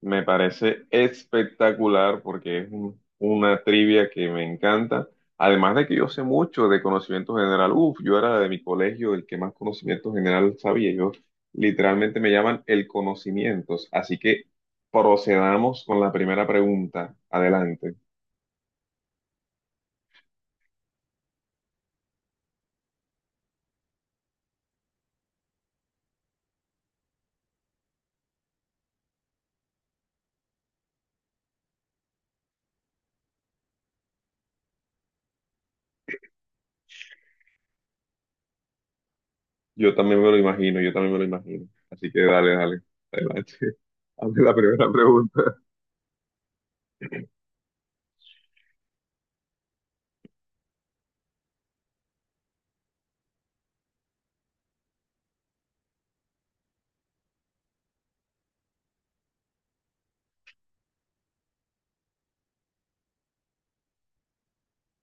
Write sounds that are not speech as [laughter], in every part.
Me parece espectacular porque una trivia que me encanta. Además de que yo sé mucho de conocimiento general. Uf, yo era de mi colegio el que más conocimiento general sabía. Yo literalmente me llaman el conocimientos. Así que procedamos con la primera pregunta. Adelante. Yo también me lo imagino, yo también me lo imagino. Así que dale, dale. Adelante. [laughs] Hazme la primera pregunta.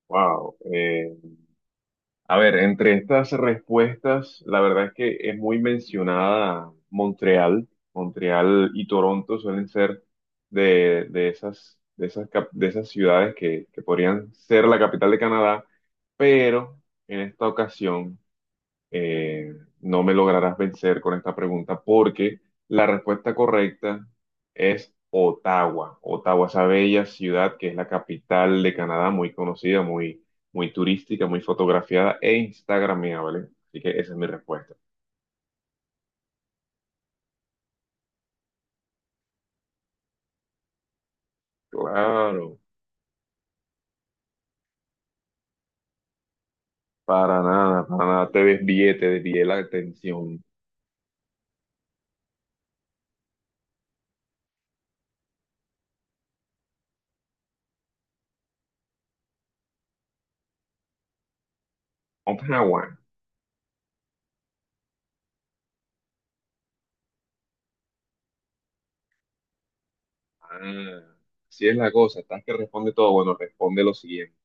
Wow. A ver, entre estas respuestas, la verdad es que es muy mencionada Montreal. Montreal y Toronto suelen ser de esas ciudades que podrían ser la capital de Canadá, pero en esta ocasión eh, no me lograrás vencer con esta pregunta porque la respuesta correcta es Ottawa. Ottawa, esa bella ciudad que es la capital de Canadá, muy conocida, muy, muy turística, muy fotografiada e instagrameable. Así que esa es mi respuesta. Claro, para nada, para nada. Te desvié la atención. Ottawa. Ah, así es la cosa. Estás que responde todo. Bueno, responde lo siguiente.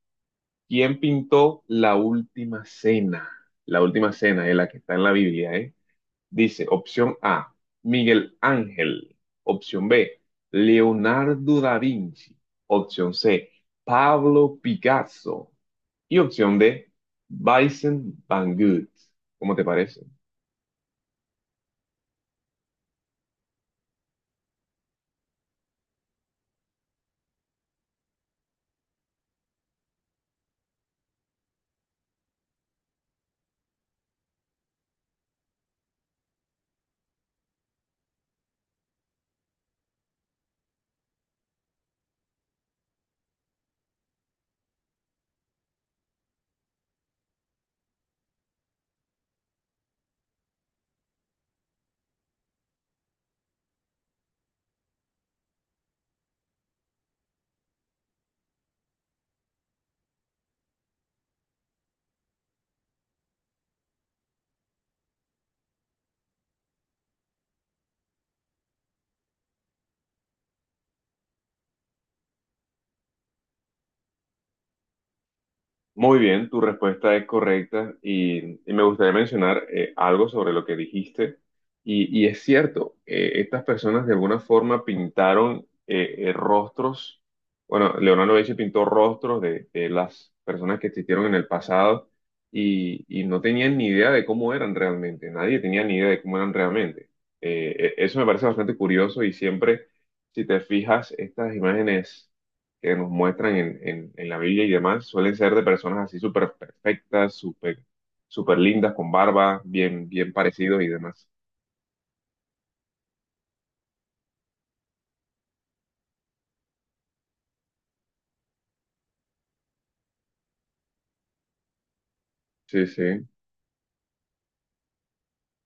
¿Quién pintó la última cena? La última cena es la que está en la Biblia, ¿eh? Dice, opción A, Miguel Ángel. Opción B, Leonardo da Vinci. Opción C, Pablo Picasso. Y opción D, Vincent Van Gogh. ¿Cómo te parece? Muy bien, tu respuesta es correcta y me gustaría mencionar algo sobre lo que dijiste. Y es cierto, estas personas de alguna forma pintaron rostros, bueno, Leonardo da Vinci pintó rostros de las personas que existieron en el pasado y no tenían ni idea de cómo eran realmente, nadie tenía ni idea de cómo eran realmente. Eso me parece bastante curioso y siempre, si te fijas, estas imágenes que nos muestran en la Biblia y demás suelen ser de personas así súper perfectas, súper lindas, con barba, bien, bien parecidos y demás. Sí, sí,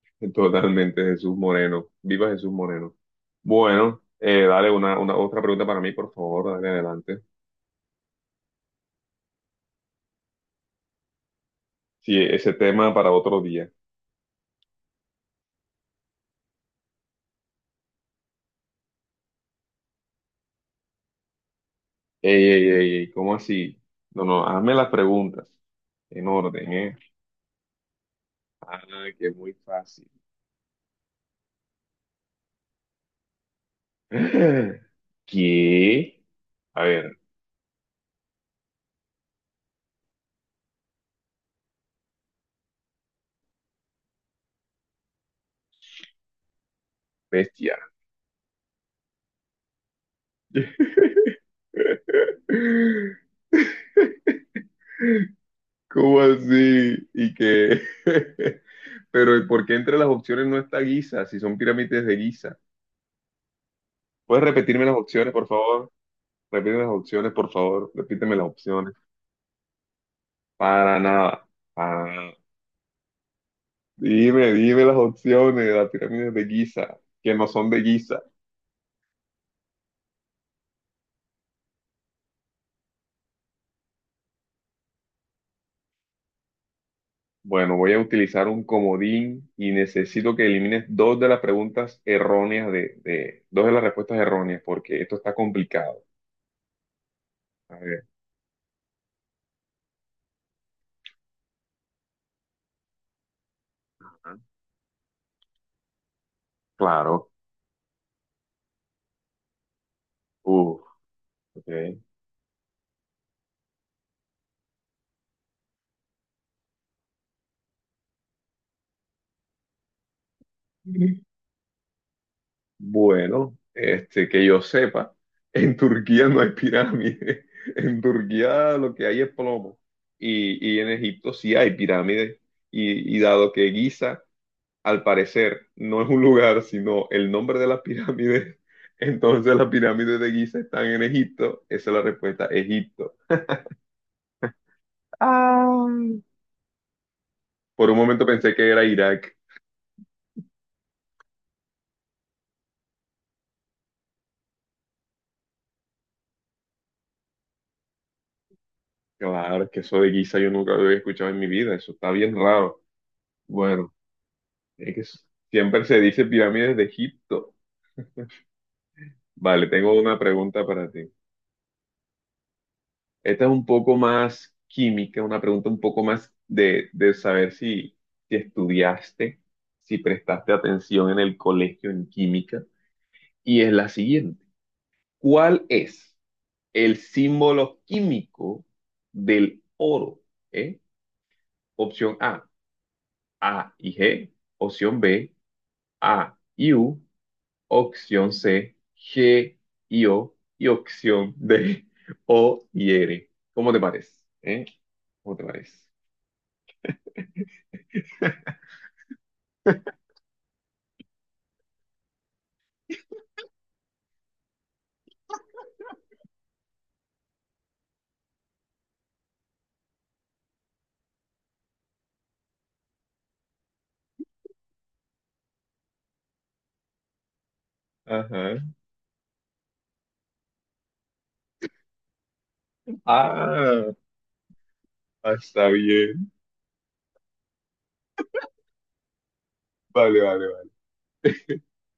[laughs] totalmente Jesús Moreno. Viva Jesús Moreno. Bueno, dale una otra pregunta para mí, por favor, dale adelante. Sí, ese tema para otro día. Ey, ey, ey, ey, ¿cómo así? No, no, hazme las preguntas en orden, ¿eh? Ah, que muy fácil. [laughs] ¿Qué? A ver, bestia. [laughs] ¿Cómo así? Y que... [laughs] Pero ¿y por qué entre las opciones no está Giza si son pirámides de Giza? ¿Puedes repetirme las opciones, por favor? Repíteme las opciones, por favor. Repíteme las opciones. Para nada. Para nada. Dime las opciones de las pirámides de Giza, que no son de Giza. Bueno, voy a utilizar un comodín y necesito que elimines dos de las preguntas erróneas dos de las respuestas erróneas, porque esto está complicado. A ver, ajá, claro. Uf, ok. [laughs] Ujú. Bueno, este, que yo sepa, en Turquía no hay pirámides. [laughs] En Turquía lo que hay es plomo. Y en Egipto sí hay pirámides. Y dado que Giza al parecer no es un lugar, sino el nombre de las pirámides. [laughs] Entonces las pirámides de Giza están en Egipto. Esa es la respuesta, Egipto. Ah. Por un momento pensé que era Irak. Claro, que eso de Giza yo nunca lo había escuchado en mi vida. Eso está bien raro. Bueno, es que siempre se dice pirámides de Egipto. Vale, tengo una pregunta para ti. Esta es un poco más química, una pregunta un poco más de saber si, si estudiaste, si prestaste atención en el colegio en química. Y es la siguiente. ¿Cuál es el símbolo químico del oro? ¿Eh? Opción A, AG. Opción B, AU. Opción C, GO. Y opción D, OR. ¿Cómo te parece? ¿Eh? ¿Cómo te parece? Ajá. Ah, ah, está bien. Vale, vale, vale.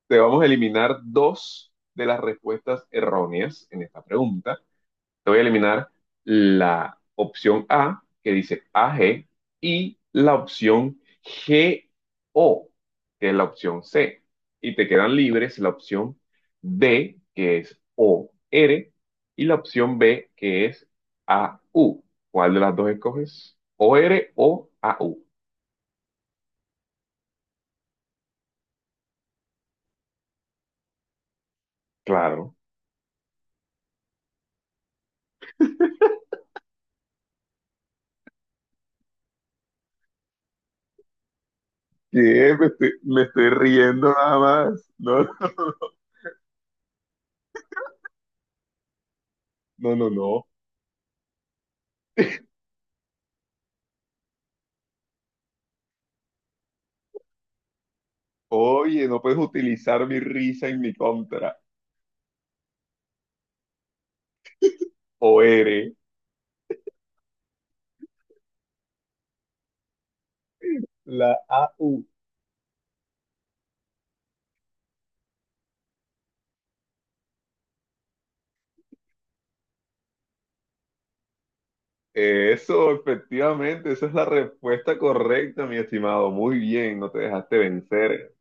Te vamos a eliminar dos de las respuestas erróneas en esta pregunta. Te voy a eliminar la opción A, que dice AG y la opción GO, que es la opción C. Y te quedan libres la opción D, que es OR y la opción B, que es AU. ¿Cuál de las dos escoges? ¿OR o AU? Claro. ¿Qué? Me estoy riendo nada más. No, no, no, no. Oye, no puedes utilizar mi risa en mi contra. O eres la AU. Eso, efectivamente, esa es la respuesta correcta, mi estimado. Muy bien, no te dejaste vencer.